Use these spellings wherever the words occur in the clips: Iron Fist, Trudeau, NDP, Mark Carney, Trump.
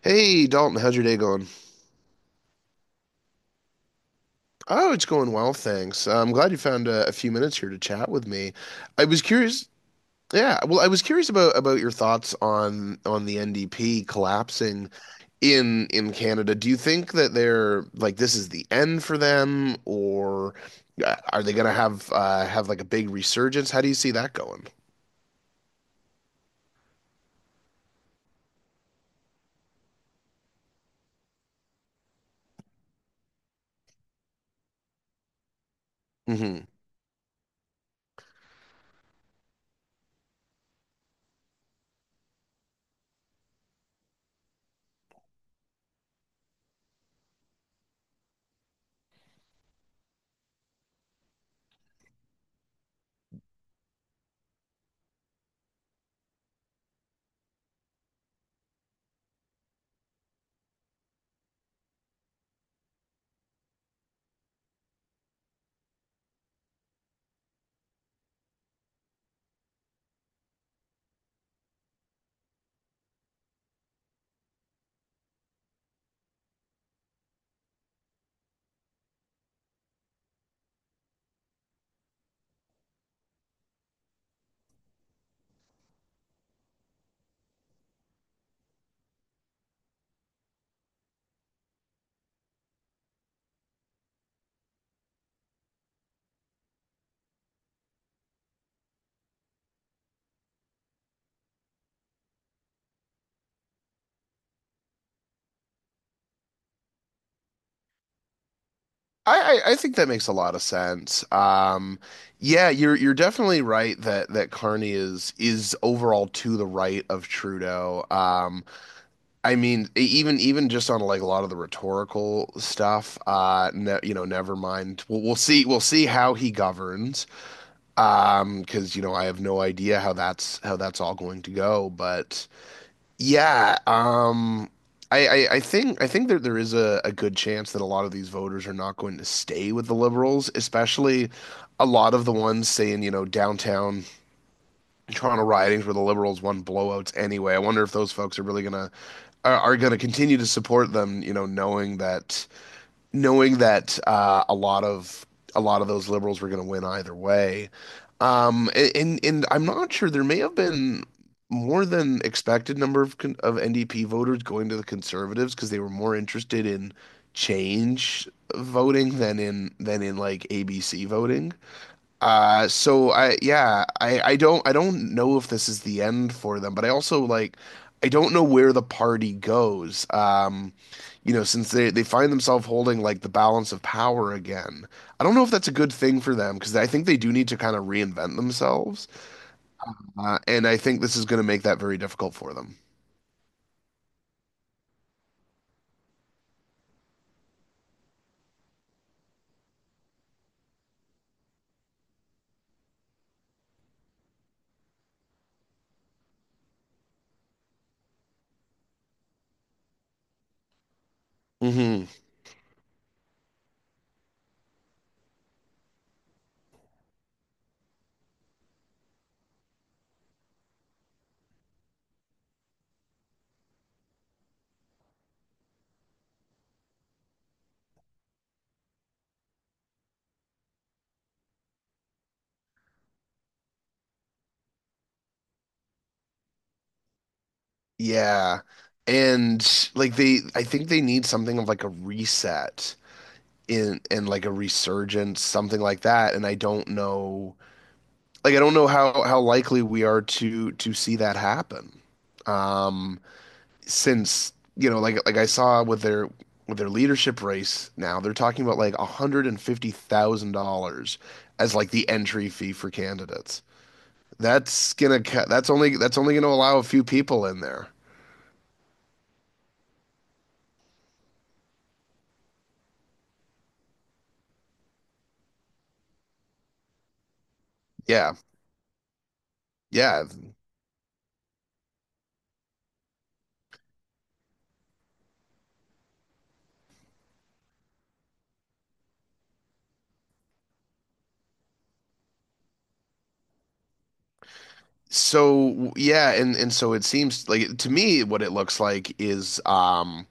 Hey Dalton, how's your day going? Oh, it's going well, thanks. I'm glad you found a few minutes here to chat with me. I was curious, yeah, well, I was curious about your thoughts on the NDP collapsing in Canada. Do you think that they're like this is the end for them, or are they gonna have like a big resurgence? How do you see that going? Mm-hmm. I think that makes a lot of sense. Yeah, you're definitely right that that Carney is overall to the right of Trudeau. I mean, even just on like a lot of the rhetorical stuff. Never mind. We'll see. We'll see how he governs. Because I have no idea how that's all going to go. But yeah, I think I think that there is a good chance that a lot of these voters are not going to stay with the Liberals, especially a lot of the ones saying, you know, downtown Toronto ridings where the Liberals won blowouts anyway. I wonder if those folks are really gonna are gonna continue to support them, you know, knowing that a lot of those liberals were going to win either way. Um, and I'm not sure there may have been more than expected number of NDP voters going to the conservatives because they were more interested in change voting than in like ABC voting. So I yeah, I don't know if this is the end for them, but I also like I don't know where the party goes. You know, since they find themselves holding like the balance of power again. I don't know if that's a good thing for them because I think they do need to kind of reinvent themselves. And I think this is going to make that very difficult for them. Hmm. Yeah. And like they I think they need something of like a reset in and like a resurgence, something like that. And I don't know like I don't know how likely we are to see that happen. Um, since you know, like I saw with their leadership race now, they're talking about like $150,000 as like the entry fee for candidates. That's gonna that's only gonna allow a few people in there. Yeah. Yeah. So yeah, and so it seems like to me what it looks like is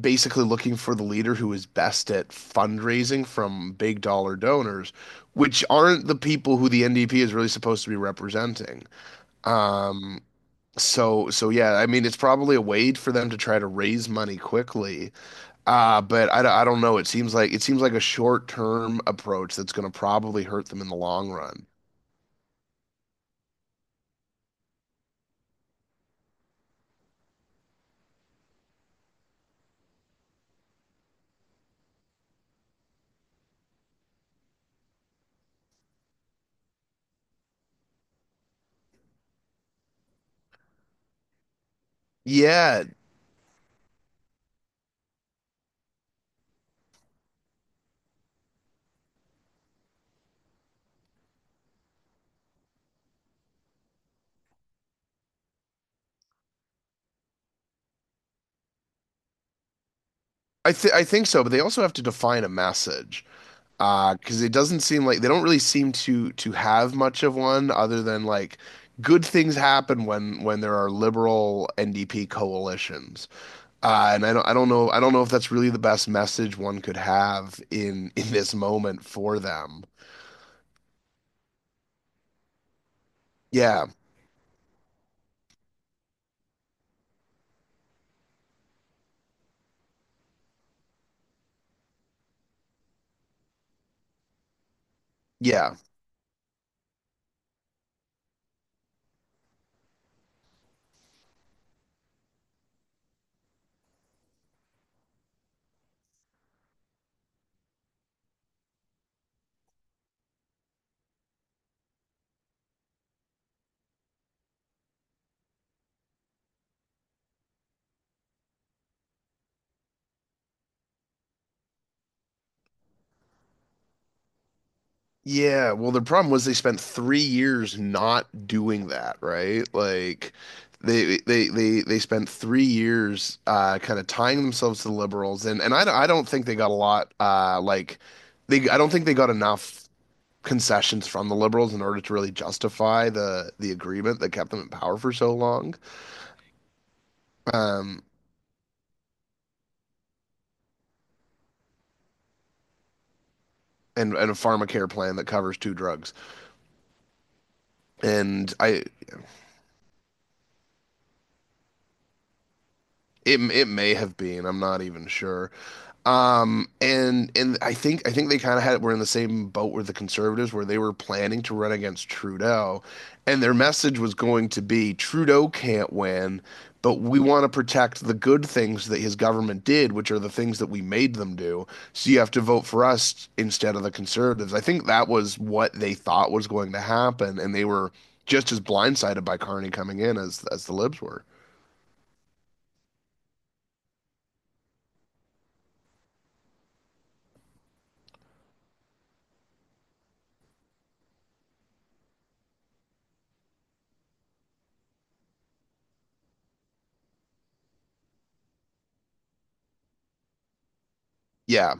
basically looking for the leader who is best at fundraising from big dollar donors, which aren't the people who the NDP is really supposed to be representing. Um, so so yeah, I mean it's probably a way for them to try to raise money quickly. I don't know. It seems like a short-term approach that's going to probably hurt them in the long run. Yeah, I think so, but they also have to define a message. Because it doesn't seem like they don't really seem to have much of one other than like good things happen when there are liberal NDP coalitions. And I don't I don't know if that's really the best message one could have in this moment for them. Yeah. Yeah. Yeah, well, the problem was they spent 3 years not doing that, right? Like they spent 3 years kind of tying themselves to the liberals and I don't think they got a lot like they I don't think they got enough concessions from the liberals in order to really justify the agreement that kept them in power for so long. Um and a pharmacare plan that covers two drugs. And I it it may have been. I'm not even sure. And I think they kind of had were in the same boat with the conservatives where they were planning to run against Trudeau, and their message was going to be Trudeau can't win, but we want to protect the good things that his government did, which are the things that we made them do. So you have to vote for us instead of the conservatives. I think that was what they thought was going to happen, and they were just as blindsided by Carney coming in as the Libs were. Yeah.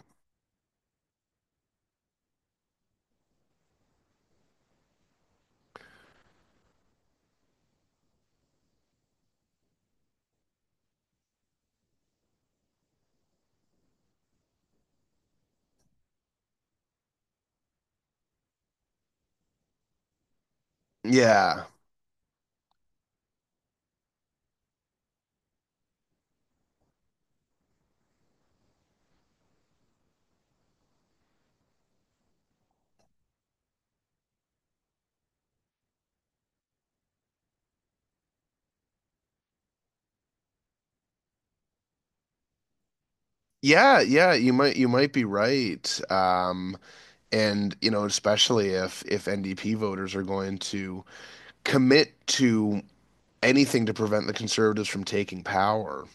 Yeah. Yeah, yeah, you might be right. And you know, especially if NDP voters are going to commit to anything to prevent the conservatives from taking power.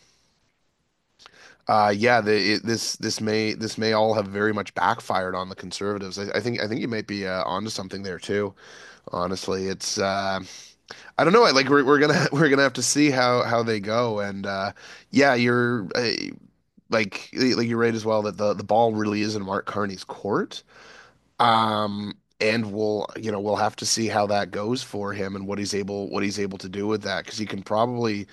Yeah, this this may all have very much backfired on the conservatives. I think you might be onto something there too. Honestly, it's I don't know. I Like we're gonna we're gonna have to see how they go. And yeah, you're. Like you're right as well that the ball really is in Mark Carney's court. Um, and we'll, you know, we'll have to see how that goes for him and what he's able to do with that because he can probably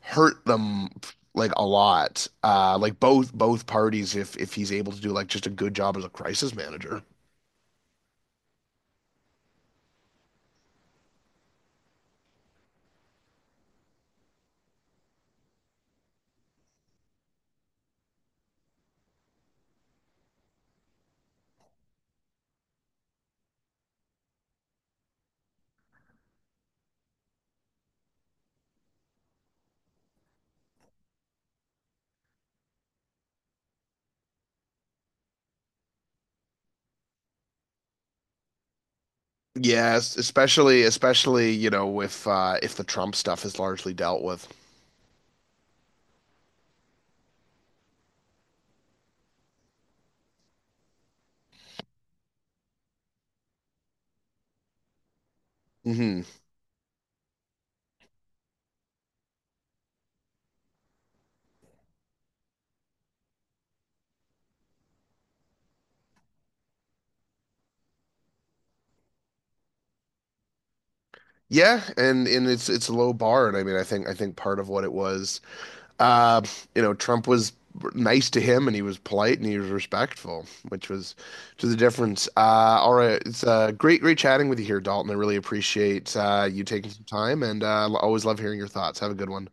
hurt them like a lot. Like both both parties if he's able to do like just a good job as a crisis manager. Yes, especially, you know, if the Trump stuff is largely dealt with. Hmm. Yeah, and it's a low bar, and I mean, I think part of what it was uh, you know, Trump was nice to him and he was polite and he was respectful, which was to the difference. All right, it's great, great chatting with you here, Dalton. I really appreciate you taking some time and always love hearing your thoughts. Have a good one.